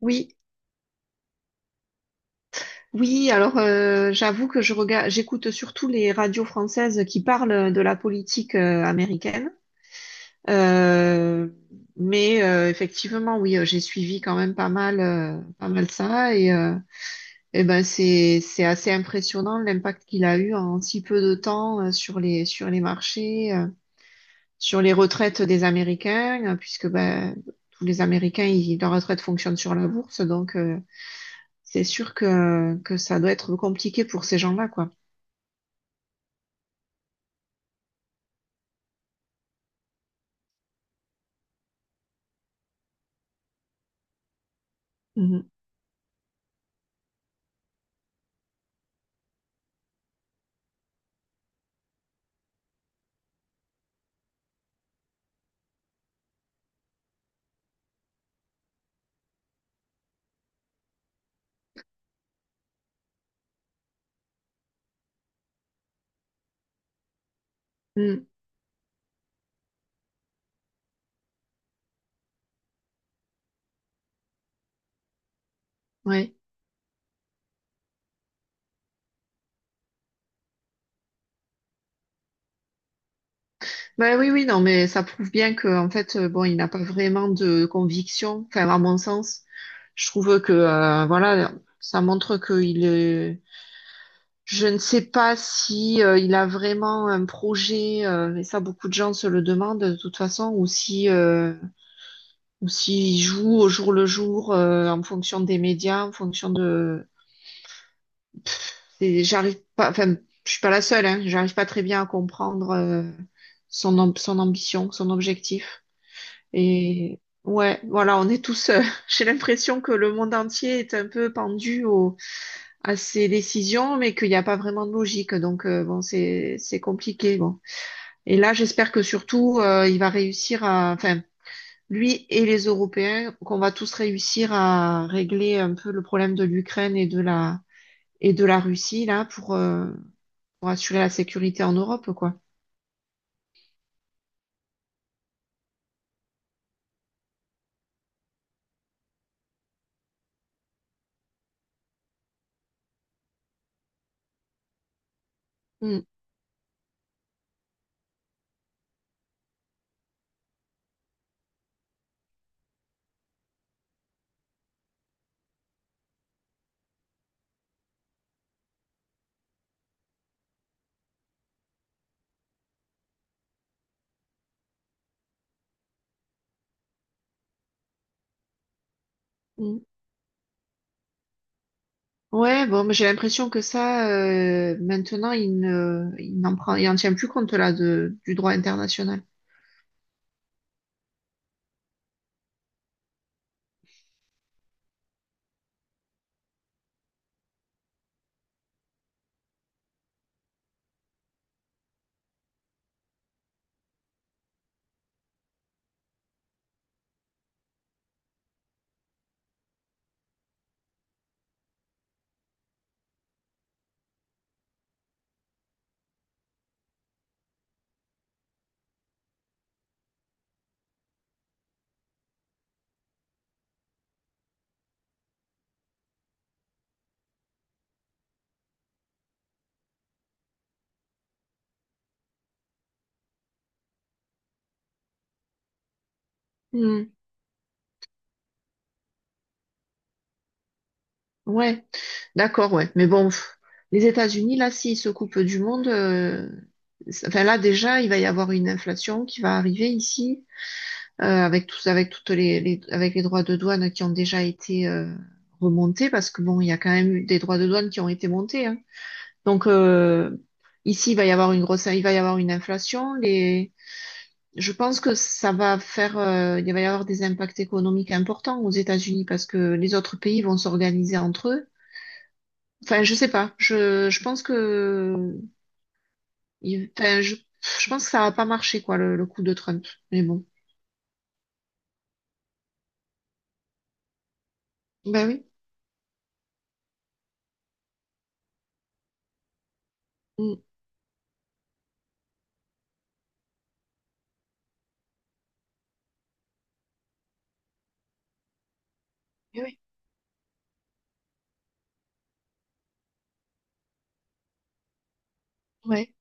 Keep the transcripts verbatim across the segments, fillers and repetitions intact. Oui, oui, alors euh, j'avoue que je regarde, j'écoute surtout les radios françaises qui parlent de la politique euh, américaine. Euh, mais euh, effectivement, oui, euh, j'ai suivi quand même pas mal, euh, pas mal ça et, euh, eh ben c'est c'est assez impressionnant l'impact qu'il a eu en si peu de temps euh, sur les sur les marchés, euh, sur les retraites des Américains, euh, puisque ben tous les Américains, ils, leur retraite fonctionne sur la bourse, donc. Euh, c'est sûr que, que ça doit être compliqué pour ces gens-là, quoi. Mhm. Mhm. Ouais. Bah oui, oui, non, mais ça prouve bien que en fait, euh, bon, il n'a pas vraiment de conviction. Enfin, à mon sens, je trouve que euh, voilà, ça montre qu'il est. Je ne sais pas si euh, il a vraiment un projet, euh, et ça, beaucoup de gens se le demandent de toute façon, ou si euh, ou s'il joue au jour le jour euh, en fonction des médias, en fonction de C'est- j'arrive pas, enfin, je suis pas la seule, hein, j'arrive pas très bien à comprendre euh, son, am- son ambition, son objectif. Et ouais, voilà, on est tous, euh, j'ai l'impression que le monde entier est un peu pendu au, à ses décisions, mais qu'il n'y a pas vraiment de logique. Donc, euh, bon, c'est, c'est compliqué, bon. Et là, j'espère que surtout, euh, il va réussir à, enfin, lui et les Européens, qu'on va tous réussir à régler un peu le problème de l'Ukraine et de la, et de la Russie, là, pour, euh, pour assurer la sécurité en Europe, quoi. Mm, mm. Ouais, bon, mais j'ai l'impression que ça, euh, maintenant, il ne, il n'en prend, il en tient plus compte là de, du droit international. Mm. Ouais, d'accord, ouais. Mais bon, pff, les États-Unis, là, s'ils se coupent du monde, euh, ça- enfin là déjà, il va y avoir une inflation qui va arriver ici, euh, avec tous, avec toutes les, les- avec les droits de douane qui ont déjà été euh, remontés, parce que bon, il y a quand même eu des droits de douane qui ont été montés, hein. Donc euh, ici, il va y avoir une grosse, il va y avoir une inflation. Les, je pense que ça va faire, euh, il va y avoir des impacts économiques importants aux États-Unis parce que les autres pays vont s'organiser entre eux. Enfin, je sais pas. Je, je pense que, il- enfin, je, je pense que ça va pas marcher quoi le, le coup de Trump. Mais bon. Ben oui. Mm. Eh oui. Ouais.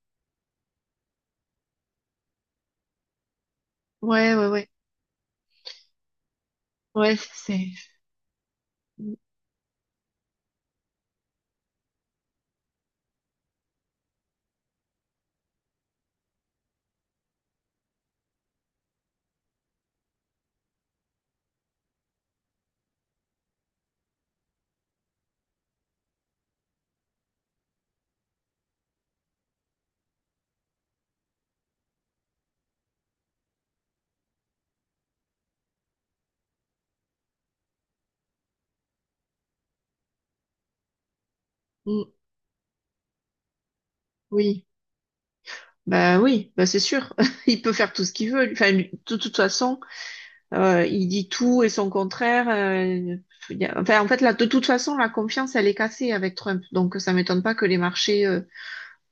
Ouais, ouais, ouais. Ouais, c'est. Mm, mm. Oui. Ben oui. Ben c'est sûr. Il peut faire tout ce qu'il veut. Enfin, lui- de toute façon. Euh, il dit tout et son contraire. Euh, il y a- enfin, en fait, là, de toute façon, la confiance, elle est cassée avec Trump. Donc, ça m'étonne pas que les marchés euh,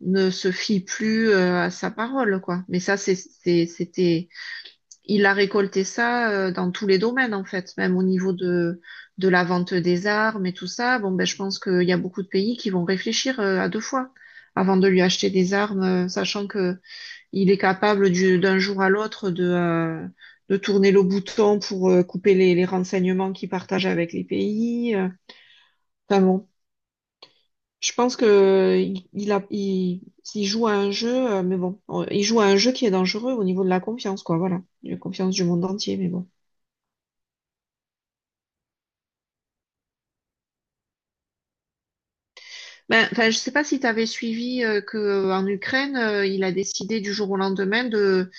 ne se fient plus euh, à sa parole, quoi. Mais ça, c'est, c'est- c'était, il a récolté ça euh, dans tous les domaines, en fait, même au niveau de de la vente des armes et tout ça. Bon, ben, je pense qu'il y a beaucoup de pays qui vont réfléchir euh, à deux fois avant de lui acheter des armes, euh, sachant que il est capable du- d'un jour à l'autre de, euh, de tourner le bouton pour euh, couper les, les renseignements qu'il partage avec les pays. euh. Enfin bon, je pense que euh, il, il a, il, il joue à un jeu, euh, mais bon, euh, il joue à un jeu qui est dangereux au niveau de la confiance, quoi. Voilà, la confiance du monde entier, mais bon. Ben, enfin, je sais pas si tu avais suivi euh, que euh, en Ukraine, euh, il a décidé du jour au lendemain de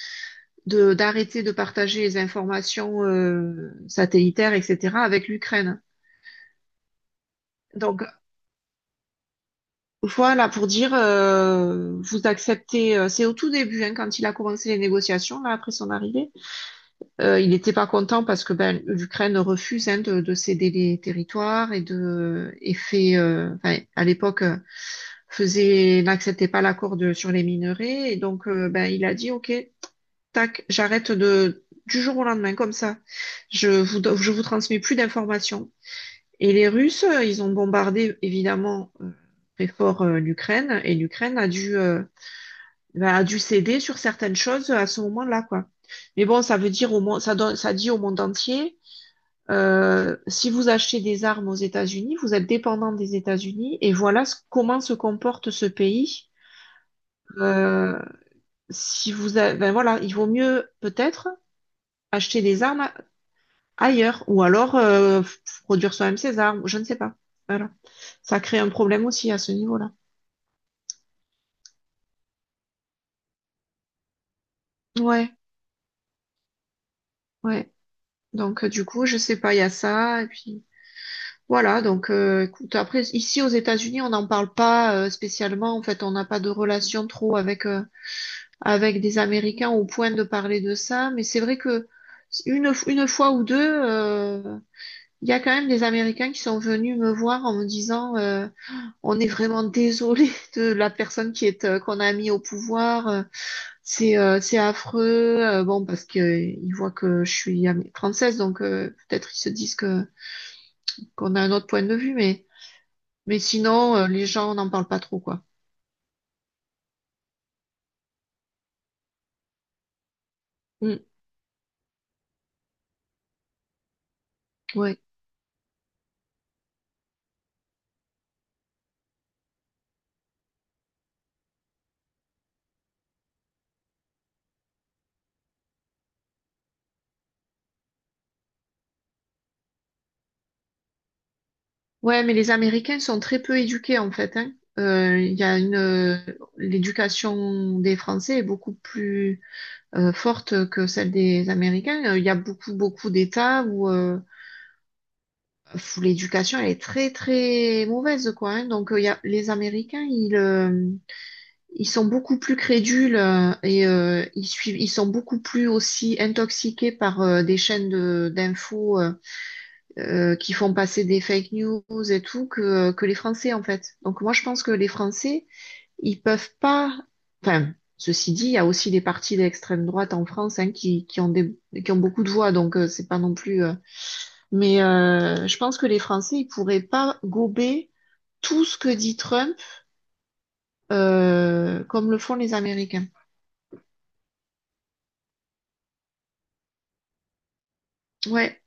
de d'arrêter de partager les informations euh, satellitaires, et cetera, avec l'Ukraine. Donc, voilà, pour dire, euh, vous acceptez, euh, c'est au tout début, hein, quand il a commencé les négociations, là, après son arrivée, euh, il n'était pas content parce que ben, l'Ukraine refuse hein, de, de céder les territoires et de et fait, euh, enfin, à l'époque, euh, faisait, n'acceptait pas l'accord de sur les minerais, et donc euh, ben, il a dit, OK, tac, j'arrête de du jour au lendemain, comme ça, je vous, do- je vous transmets plus d'informations. Et les Russes, euh, ils ont bombardé évidemment euh, très fort euh, l'Ukraine et l'Ukraine a dû, euh, bah, a dû céder sur certaines choses à ce moment-là, quoi. Mais bon, ça veut dire au monde, ça, donne- ça dit au monde entier, euh, si vous achetez des armes aux États-Unis, vous êtes dépendant des États-Unis et voilà ce- comment se comporte ce pays. Euh, si vous, a- ben voilà, il vaut mieux peut-être acheter des armes ailleurs ou alors euh, f- produire soi-même ses armes, je ne sais pas. Voilà. Ça crée un problème aussi à ce niveau-là. Ouais, ouais. Donc, euh, du coup, je sais pas, il y a ça. Et puis, voilà. Donc, euh, écoute, après, ici, aux États-Unis, on n'en parle pas euh, spécialement. En fait, on n'a pas de relation trop avec, euh, avec des Américains au point de parler de ça. Mais c'est vrai que une, f- une fois ou deux, euh, il y a quand même des Américains qui sont venus me voir en me disant, euh, on est vraiment désolé de la personne qui est, euh, qu'on a mis au pouvoir. euh, C'est euh, c'est affreux, euh, bon, parce que euh, ils voient que je suis à mes trente-six, donc euh, peut-être ils se disent que qu'on a un autre point de vue, mais mais sinon euh, les gens n'en parlent pas trop, quoi. Mm. Ouais, ouais, mais les Américains sont très peu éduqués en fait, hein. Euh, Il y a une euh, l'éducation des Français est beaucoup plus euh, forte que celle des Américains. Euh, Il y a beaucoup beaucoup d'États où, euh, où l'éducation elle est très très mauvaise, quoi. Hein. Donc euh, il y a les Américains, ils euh, Ils sont beaucoup plus crédules euh, et euh, ils suivent, ils sont beaucoup plus aussi intoxiqués par euh, des chaînes de- d'infos euh, euh, qui font passer des fake news et tout que, euh, que les Français en fait. Donc moi je pense que les Français, ils peuvent pas. Enfin, ceci dit, il y a aussi des partis d'extrême droite en France hein, qui, qui ont des, qui ont beaucoup de voix, donc euh, c'est pas non plus. euh, Mais euh, je pense que les Français, ils pourraient pas gober tout ce que dit Trump euh, comme le font les Américains. Ouais.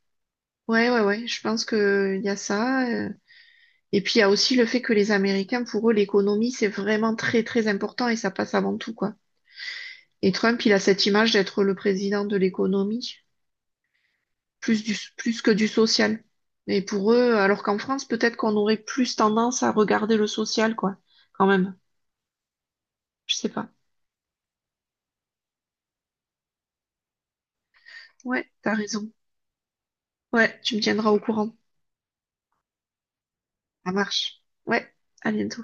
Ouais, ouais, ouais, je pense que il y a ça. euh. Et puis il y a aussi le fait que les Américains, pour eux, l'économie, c'est vraiment très, très important et ça passe avant tout, quoi. Et Trump, il a cette image d'être le président de l'économie, plus du, plus que du social. Et pour eux, alors qu'en France, peut-être qu'on aurait plus tendance à regarder le social, quoi, quand même. Je sais pas. Ouais, t'as raison. Ouais, tu me tiendras au courant. Ça marche. Ouais, à bientôt.